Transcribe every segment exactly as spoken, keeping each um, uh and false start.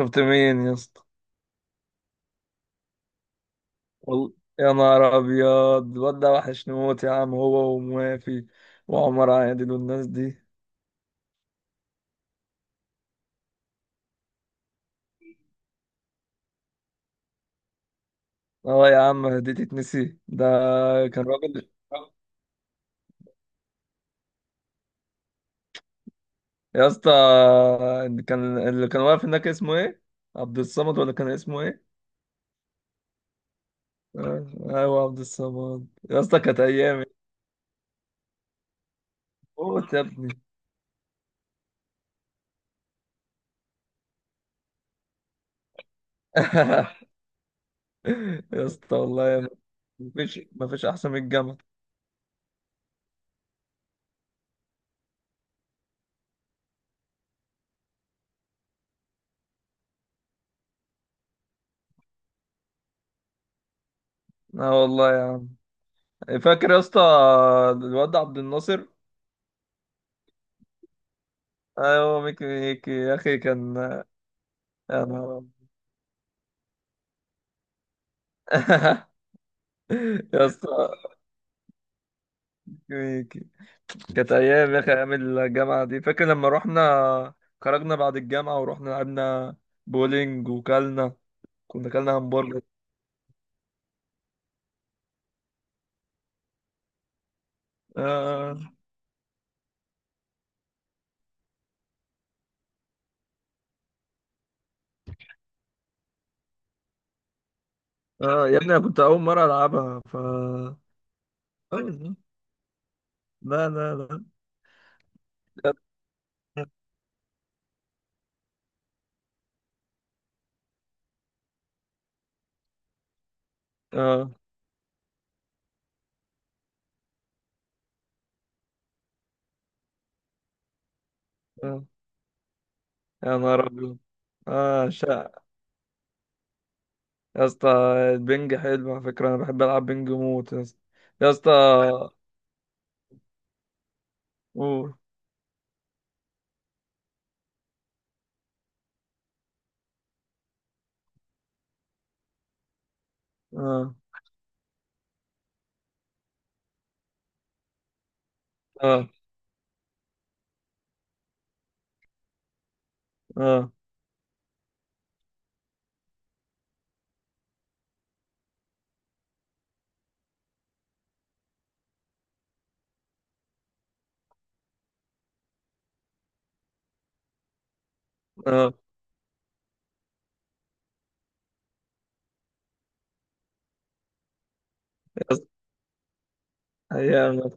شفت مين يا اسطى؟ والله. يا نهار ابيض، الواد ده وحش نموت يا عم، هو وموافي وعمر عادل والناس دي. اه يا عم، دي تتنسي ده؟ كان راجل يا اسطى. كان اللي كان واقف هناك اسمه ايه؟ عبد الصمد ولا كان اسمه ايه؟ آه، ايوه عبد الصمد، يا اسطى كانت ايام. موت يا ابني. يا اسطى والله يا مفيش مفيش احسن من الجامعه. اه والله يا عم. فاكر يا اسطى؟ الواد عبد الناصر. ايوه ميكي ميكي يا اخي كان. يا نهار أبيض. يا اسطى. ميكي ميكي. كانت ايام يا اخي، ايام الجامعه دي. فاكر لما رحنا خرجنا بعد الجامعه ورحنا لعبنا بولينج، وكلنا كنا كلنا همبرجر. آه آه. آه، يا ابني انا كنت اول مره العبها. ف طيب، لا لا لا. اه. اه يا نهار ابيض. اه شا يا اسطى. البنج حلو على فكره، انا بحب العب بنج موت يا اسطى. يا اسطى قول. آه. اه. اه. اه يا اسطى. أيام.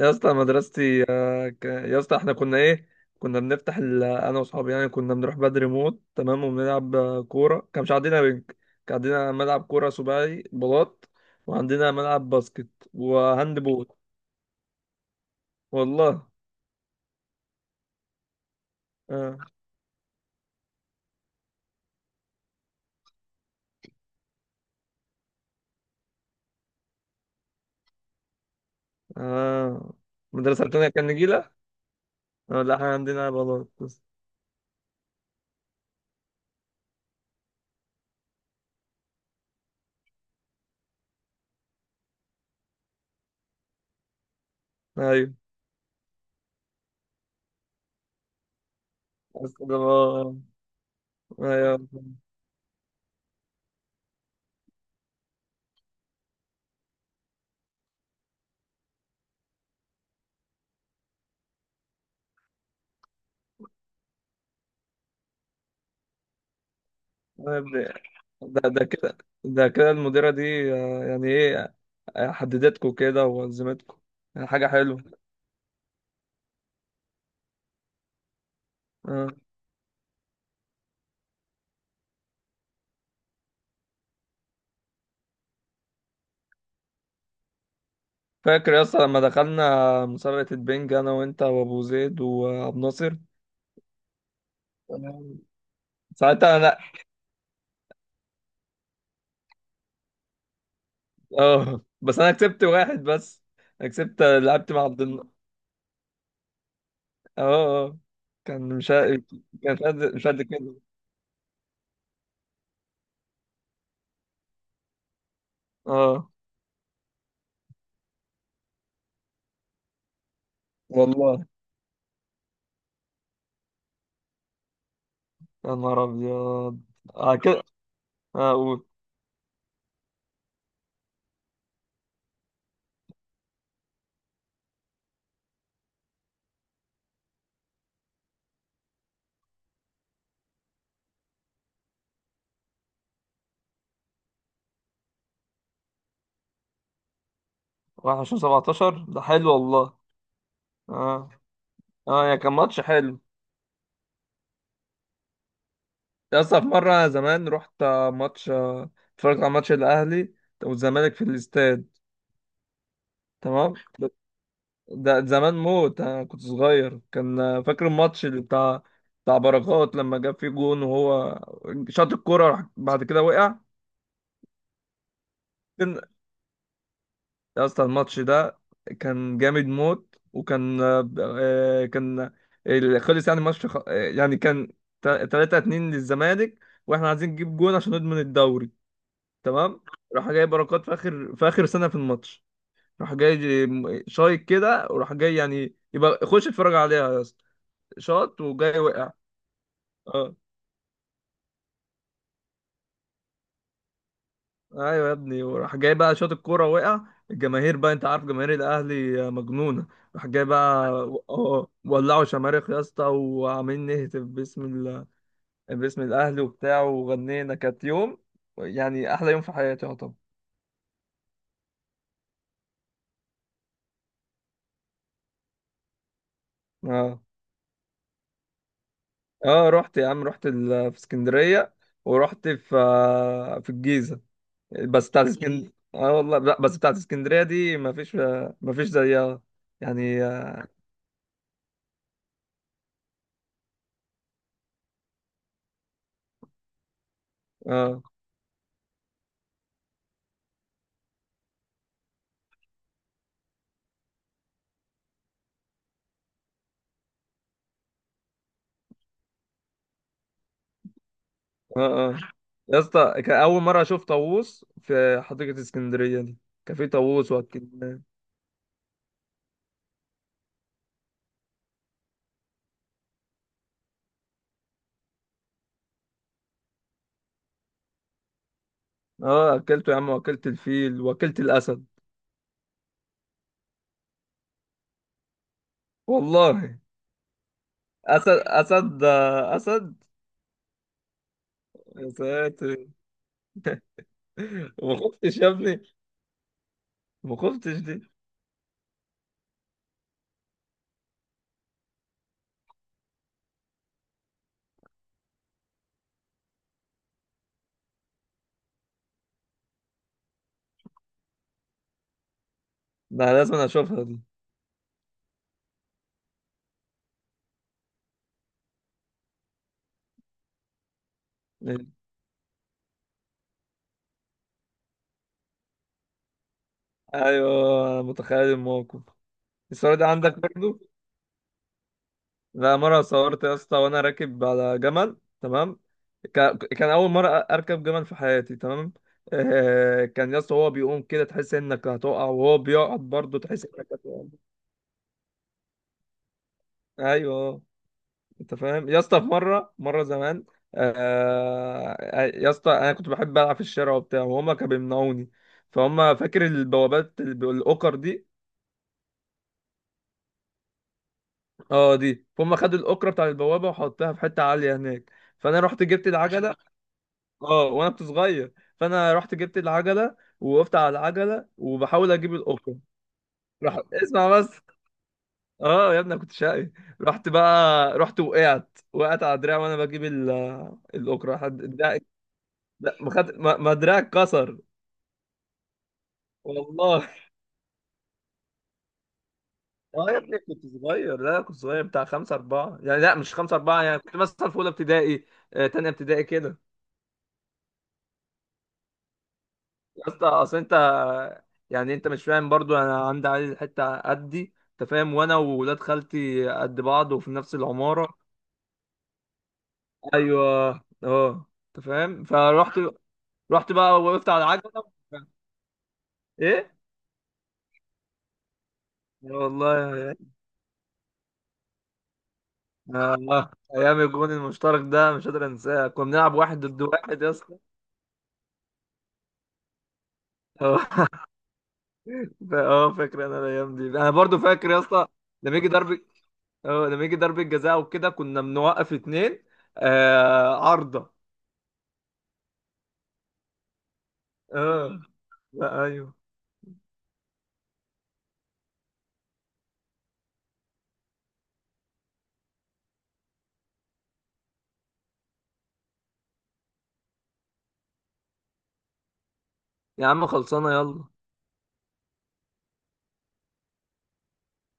يا اسطى مدرستي، آه، ك- يا اسطى احنا كنا ايه؟ كنا بنفتح ال- انا واصحابي يعني كنا بنروح بدري موت تمام، وبنلعب آه، كوره. كان مش عندنا بنك. كان عندنا ملعب كوره سباعي بلاط، وعندنا ملعب باسكت وهاند بول. والله. اه. اه المدرسه التانيه كان نجيله. آه، لا احنا عندنا بلاط بس. ايوه بس ده. آه، ايوه. آه، يا ابني. ده ده كده. ده كده المديره دي، آه، يعني ايه؟ حددتكم كده وانظمتكم، يعني حاجه حلوه. آه. فاكر يا اسطى لما دخلنا مسابقه البنج انا وانت وابو زيد وابو ناصر؟ تمام. ساعتها انا لا. اه بس انا كسبت واحد بس. انا كسبت، لعبت مع عبد الن- اه. اه كان مش ه- كان مش قد مش قد كده. اه والله. يا نهار ابيض. آه كده. اه قول. واحد وعشرين سبعتاشر ده حلو والله. اه. اه يا كان ماتش حلو. يا اسطى، في مرة زمان رحت ماتش، اتفرجت على ماتش الأهلي والزمالك في الاستاد. تمام. ده ده زمان موت، أنا كنت صغير. كان فاكر الماتش اللي بتاع بتاع بركات لما جاب فيه جون، وهو شاط الكورة راح بعد كده وقع. كان- يا اسطى الماتش ده كان جامد موت، وكان آه، كان ال- خلص يعني الماتش خ- يعني كان ثلاثة اثنين للزمالك، واحنا عايزين نجيب جون عشان نضمن الدوري. تمام. راح جاي بركات في اخر في اخر سنه في الماتش. راح جاي ج- شايط كده، وراح جاي يعني يبقى خش اتفرج عليها يا اسطى. شاط وجاي وقع. اه ايوه يا ابني، وراح جاي بقى شاط الكوره وقع. الجماهير بقى، انت عارف جماهير الاهلي مجنونه. راح جاي بقى اه، ولعوا شماريخ يا اسطى، وعاملين نهتف باسم ال... باسم الاهلي وبتاع، وغنينا. كانت يوم، يعني احلى يوم في حياتي. اه طبعا. اه. اه رحت يا عم. رحت ال- في اسكندريه، ورحت في آه، في الجيزه. بس بتاعت اسكندريه. إيه. اه والله، لا بس بتاعت اسكندريه دي ما فيش ما فيش زيها يعني. اه. اه. اه يا اسطى، كان اول مره اشوف طاووس في حديقه اسكندريه دي. كان في طاووس، واكلت. اه اكلته يا عم، واكلت الفيل، واكلت الاسد. والله. اسد. اسد. اسد. يا ساتر. ما خفتش يا ابني؟ ما خفتش دي. ده لازم اشوفها دي. ايوه أنا متخيل الموقف. الصورة دي عندك برضو؟ لا مرة صورت يا اسطى وانا راكب على جمل، تمام؟ ك- كان اول مرة اركب جمل في حياتي تمام. آه، كان يا اسطى هو بيقوم كده تحس انك هتقع، وهو بيقعد برضه تحس انك هتقع. ايوه. انت فاهم يا اسطى؟ في مرة مرة زمان، آه، يا اسطى انا كنت بحب العب في الشارع وبتاع، وهما كانوا بيمنعوني. فهم فاكر البوابات الب- الاوكر دي. اه دي فهم خدوا الاوكرة بتاع البوابة وحطها في حتة عالية هناك. فانا رحت جبت العجلة. اه وانا كنت صغير، فانا رحت جبت العجلة ووقفت على العجلة وبحاول اجيب الاوكرة. راح اسمع بس. اه يا ابني أنا كنت شقي. رحت بقى، رحت وقعت، وقعت على دراعي وانا بجيب ال... الاوكرة حد دراعي. لا ما خد، ما ما دراعي اتكسر. والله. اه يا ابني كنت صغير. لا كنت صغير بتاع خمسة أربعة يعني، لا مش خمسة أربعة يعني، كنت مثلا في أولى ابتدائي، آه، تانية ابتدائي كده. يا اسطى اصل انت، يعني انت مش فاهم برضو؟ انا عندي عيل حته قدي، انت فاهم، وانا وولاد خالتي قد بعض وفي نفس العماره. ايوه. اه. انت فاهم؟ فرحت، رحت بقى وقفت على العجله. ايه. يا والله. آه. ايام الجون المشترك ده مش قادر انساه، كنا بنلعب واحد ضد واحد يا اسطى. اه. ف- اه فاكر انا الايام دي، انا برضو فاكر يا اسطى. لما يجي ضرب. اه لما يجي ضرب الجزاء وكده كنا بنوقف اتنين آه عارضه. اه. لا ايوه. يا عم خلصانه. يلا.